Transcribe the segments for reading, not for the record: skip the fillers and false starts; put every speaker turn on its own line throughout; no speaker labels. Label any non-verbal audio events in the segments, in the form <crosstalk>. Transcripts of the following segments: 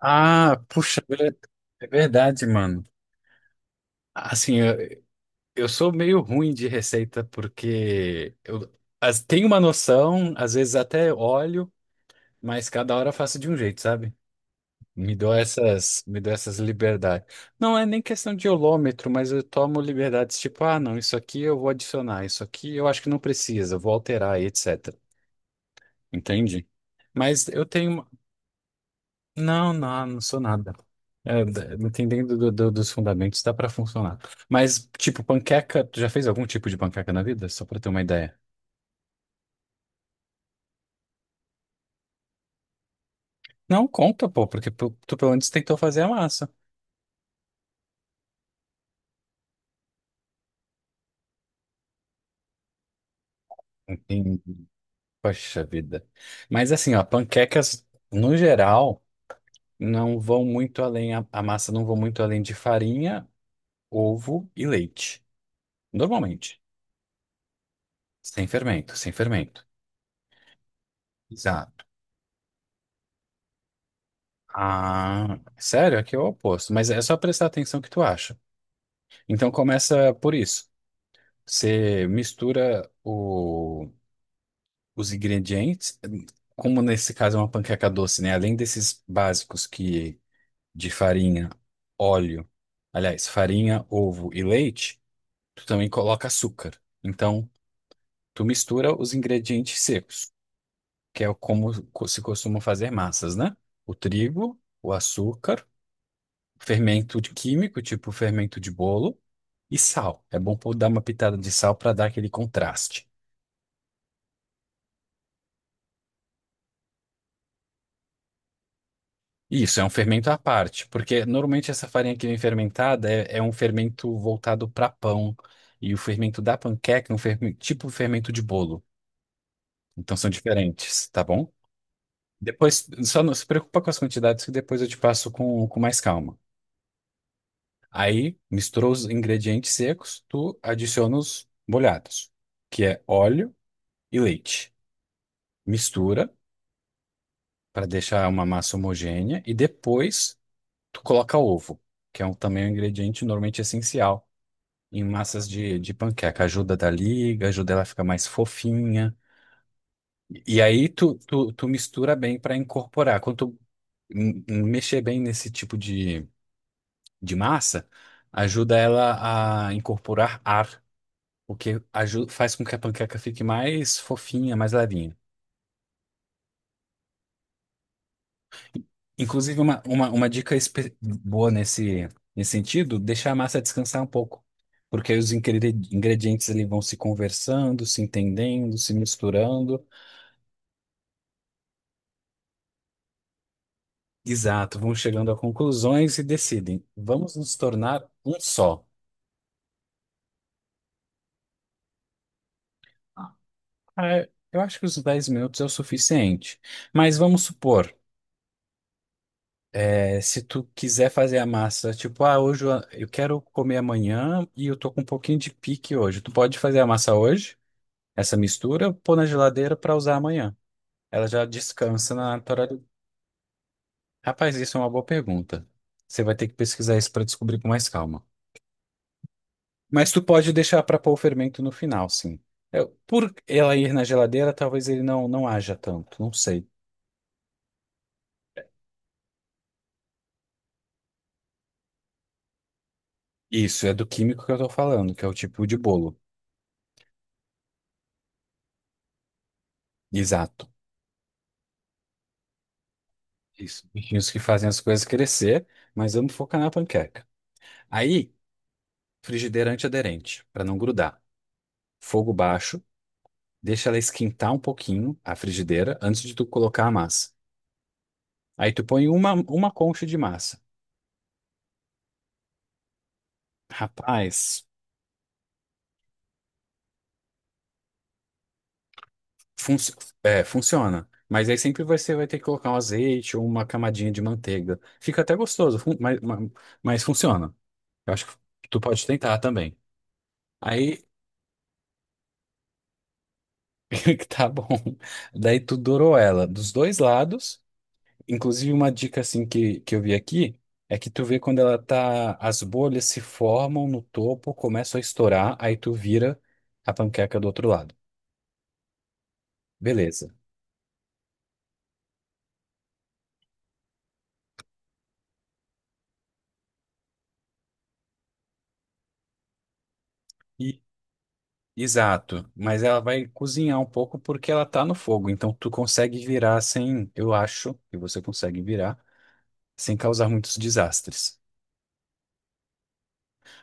Ah, puxa, é verdade, mano. Assim, eu sou meio ruim de receita porque eu tenho uma noção, às vezes até olho, mas cada hora eu faço de um jeito, sabe? Me dou essas liberdades. Não é nem questão de olômetro, mas eu tomo liberdades tipo, ah, não, isso aqui eu vou adicionar, isso aqui eu acho que não precisa, eu vou alterar, e etc. Entende? Mas eu tenho Não, não, não sou nada. É, dependendo dos fundamentos, dá pra funcionar. Mas, tipo, panqueca, tu já fez algum tipo de panqueca na vida? Só pra ter uma ideia. Não, conta, pô, porque tu pelo menos tentou fazer a massa. Entendi. Poxa vida. Mas assim, ó, panquecas, no geral, não vão muito além, a massa não vão muito além de farinha, ovo e leite. Normalmente. Sem fermento, sem fermento. Exato. Ah, sério? Aqui é o oposto. Mas é só prestar atenção que tu acha. Então começa por isso. Você mistura os ingredientes, como nesse caso é uma panqueca doce, né? Além desses básicos que de farinha, óleo, aliás, farinha, ovo e leite, tu também coloca açúcar. Então, tu mistura os ingredientes secos, que é como se costuma fazer massas, né? O trigo, o açúcar, fermento de químico, tipo fermento de bolo, e sal. É bom dar uma pitada de sal para dar aquele contraste. Isso, é um fermento à parte, porque normalmente essa farinha que vem fermentada é, é um fermento voltado para pão, e o fermento da panqueca é um fermento, tipo fermento de bolo. Então são diferentes, tá bom? Depois, só não se preocupa com as quantidades que depois eu te passo com mais calma. Aí, misturou os ingredientes secos, tu adiciona os molhados, que é óleo e leite. Mistura, para deixar uma massa homogênea, e depois tu coloca ovo, que é um, também um ingrediente normalmente essencial em massas de panqueca. Ajuda da liga, ajuda ela a ficar mais fofinha. E aí tu mistura bem para incorporar. Quando tu mexer bem nesse tipo de massa, ajuda ela a incorporar ar, o que faz com que a panqueca fique mais fofinha, mais levinha. Inclusive, uma dica boa nesse sentido, deixar a massa descansar um pouco. Porque aí os ingredientes ali vão se conversando, se entendendo, se misturando. Exato, vão chegando a conclusões e decidem, vamos nos tornar um só. Ah, é, eu acho que os dez minutos é o suficiente. Mas vamos supor, é, se tu quiser fazer a massa, tipo, ah, hoje eu quero comer amanhã e eu tô com um pouquinho de pique hoje. Tu pode fazer a massa hoje? Essa mistura, eu pôr na geladeira para usar amanhã. Ela já descansa na naturalidade. Rapaz, isso é uma boa pergunta. Você vai ter que pesquisar isso para descobrir com mais calma. Mas tu pode deixar para pôr o fermento no final, sim. É, por ela ir na geladeira, talvez ele não haja tanto, não sei. Isso, é do químico que eu tô falando, que é o tipo de bolo. Exato. Isso. Bichinhos que fazem as coisas crescer, mas vamos focar na panqueca. Aí, frigideira antiaderente, para não grudar. Fogo baixo. Deixa ela esquentar um pouquinho a frigideira antes de tu colocar a massa. Aí tu põe uma concha de massa. Rapaz, func- é, funciona. Mas aí sempre você vai ter que colocar um azeite ou uma camadinha de manteiga. Fica até gostoso, fun- mas funciona. Eu acho que tu pode tentar também. Aí, <laughs> tá bom. Daí tu dourou ela dos dois lados. Inclusive, uma dica assim que eu vi aqui é que tu vê quando ela tá, as bolhas se formam no topo, começam a estourar, aí tu vira a panqueca do outro lado. Beleza. E, exato, mas ela vai cozinhar um pouco porque ela tá no fogo, então tu consegue virar sem, eu acho que você consegue virar sem causar muitos desastres.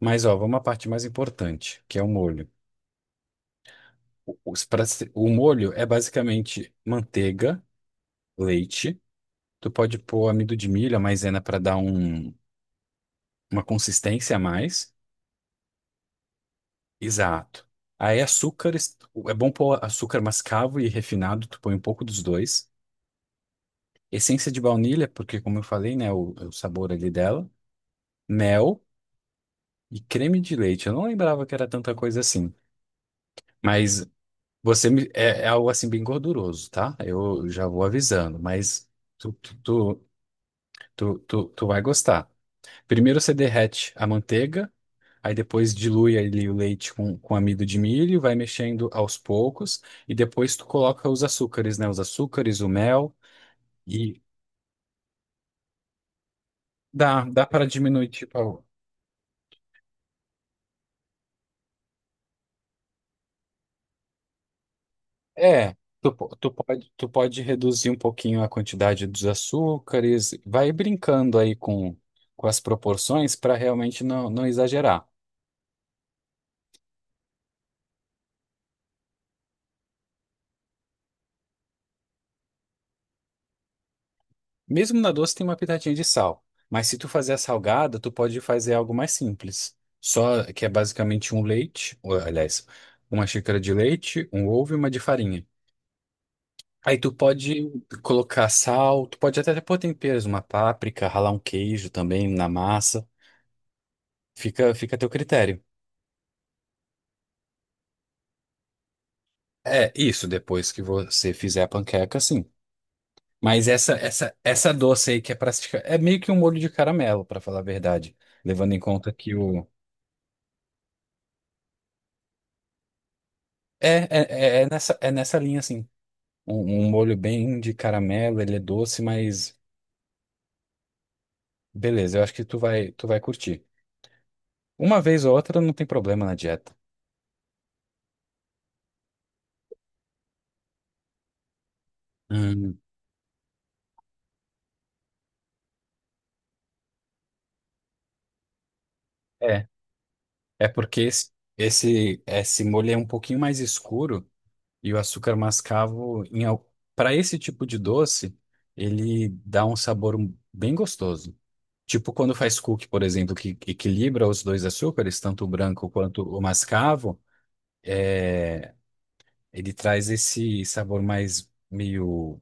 Mas ó, vamos à parte mais importante, que é o molho. O, os pra- o molho é basicamente manteiga, leite. Tu pode pôr amido de milho, a maisena para dar um, uma consistência a mais. Exato. Aí açúcares, é bom pôr açúcar mascavo e refinado, tu põe um pouco dos dois. Essência de baunilha, porque como eu falei, né, o sabor ali dela. Mel e creme de leite. Eu não lembrava que era tanta coisa assim, mas você me- é, é algo assim bem gorduroso, tá? Eu já vou avisando, mas tu, tu, tu, tu vai gostar. Primeiro você derrete a manteiga. Aí depois dilui ali o leite com, amido de milho, vai mexendo aos poucos, e depois tu coloca os açúcares, né? Os açúcares, o mel e dá, dá para diminuir, tipo, a- é, tu, po- tu pode reduzir um pouquinho a quantidade dos açúcares, vai brincando aí com as proporções para realmente não, não exagerar. Mesmo na doce tem uma pitadinha de sal, mas se tu fazer a salgada, tu pode fazer algo mais simples. Só que é basicamente um leite, ou, aliás, uma xícara de leite, um ovo e uma de farinha. Aí tu pode colocar sal, tu pode até pôr temperos, uma páprica, ralar um queijo também na massa. Fica, fica a teu critério. É isso, depois que você fizer a panqueca, sim. Mas essa doce aí que é pra, é meio que um molho de caramelo, pra falar a verdade, levando em conta que o é nessa, é nessa linha, assim. Um molho bem de caramelo, ele é doce, mas beleza, eu acho que tu vai curtir. Uma vez ou outra não tem problema na dieta. Hum, é, é porque esse molho é um pouquinho mais escuro e o açúcar mascavo, em, para esse tipo de doce, ele dá um sabor um- bem gostoso. Tipo quando faz cookie, por exemplo, que equilibra os dois açúcares, tanto o branco quanto o mascavo. Ele traz esse sabor mais meio.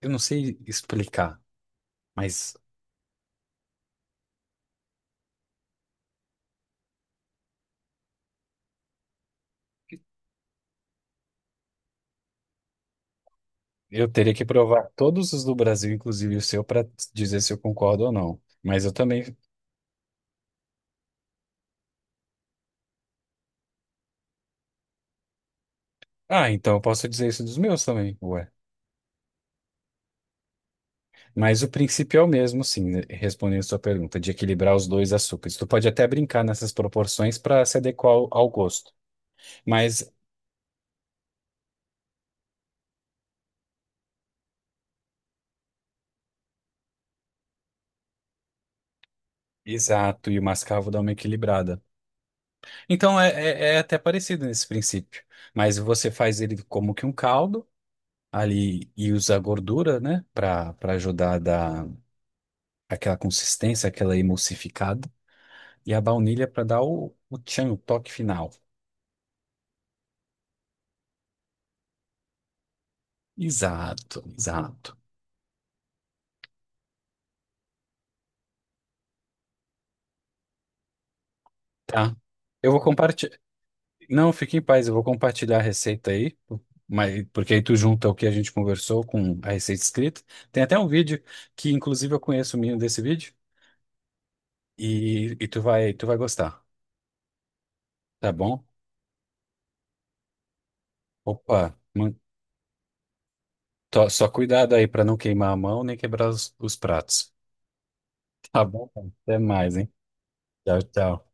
Eu não sei explicar, mas eu teria que provar todos os do Brasil, inclusive o seu, para dizer se eu concordo ou não. Mas eu também. Ah, então eu posso dizer isso dos meus também, ué. Mas o princípio é o mesmo, sim, né, respondendo a sua pergunta, de equilibrar os dois açúcares. Tu pode até brincar nessas proporções para se adequar ao gosto. Mas, exato, e o mascavo dá uma equilibrada. Então é, é até parecido nesse princípio. Mas você faz ele como que um caldo ali e usar gordura, né, para ajudar a dar aquela consistência, aquela emulsificada, e a baunilha para dar o tchan, o toque final. Exato, exato. Tá. Eu vou compartilhar. Não, fique em paz, eu vou compartilhar a receita aí, mas porque aí tu junta o que a gente conversou com a receita escrita. Tem até um vídeo que inclusive eu conheço o menino desse vídeo e tu vai gostar, tá bom? Opa, só cuidado aí para não queimar a mão nem quebrar os pratos. Tá bom, então, até mais, hein? Tchau, tchau.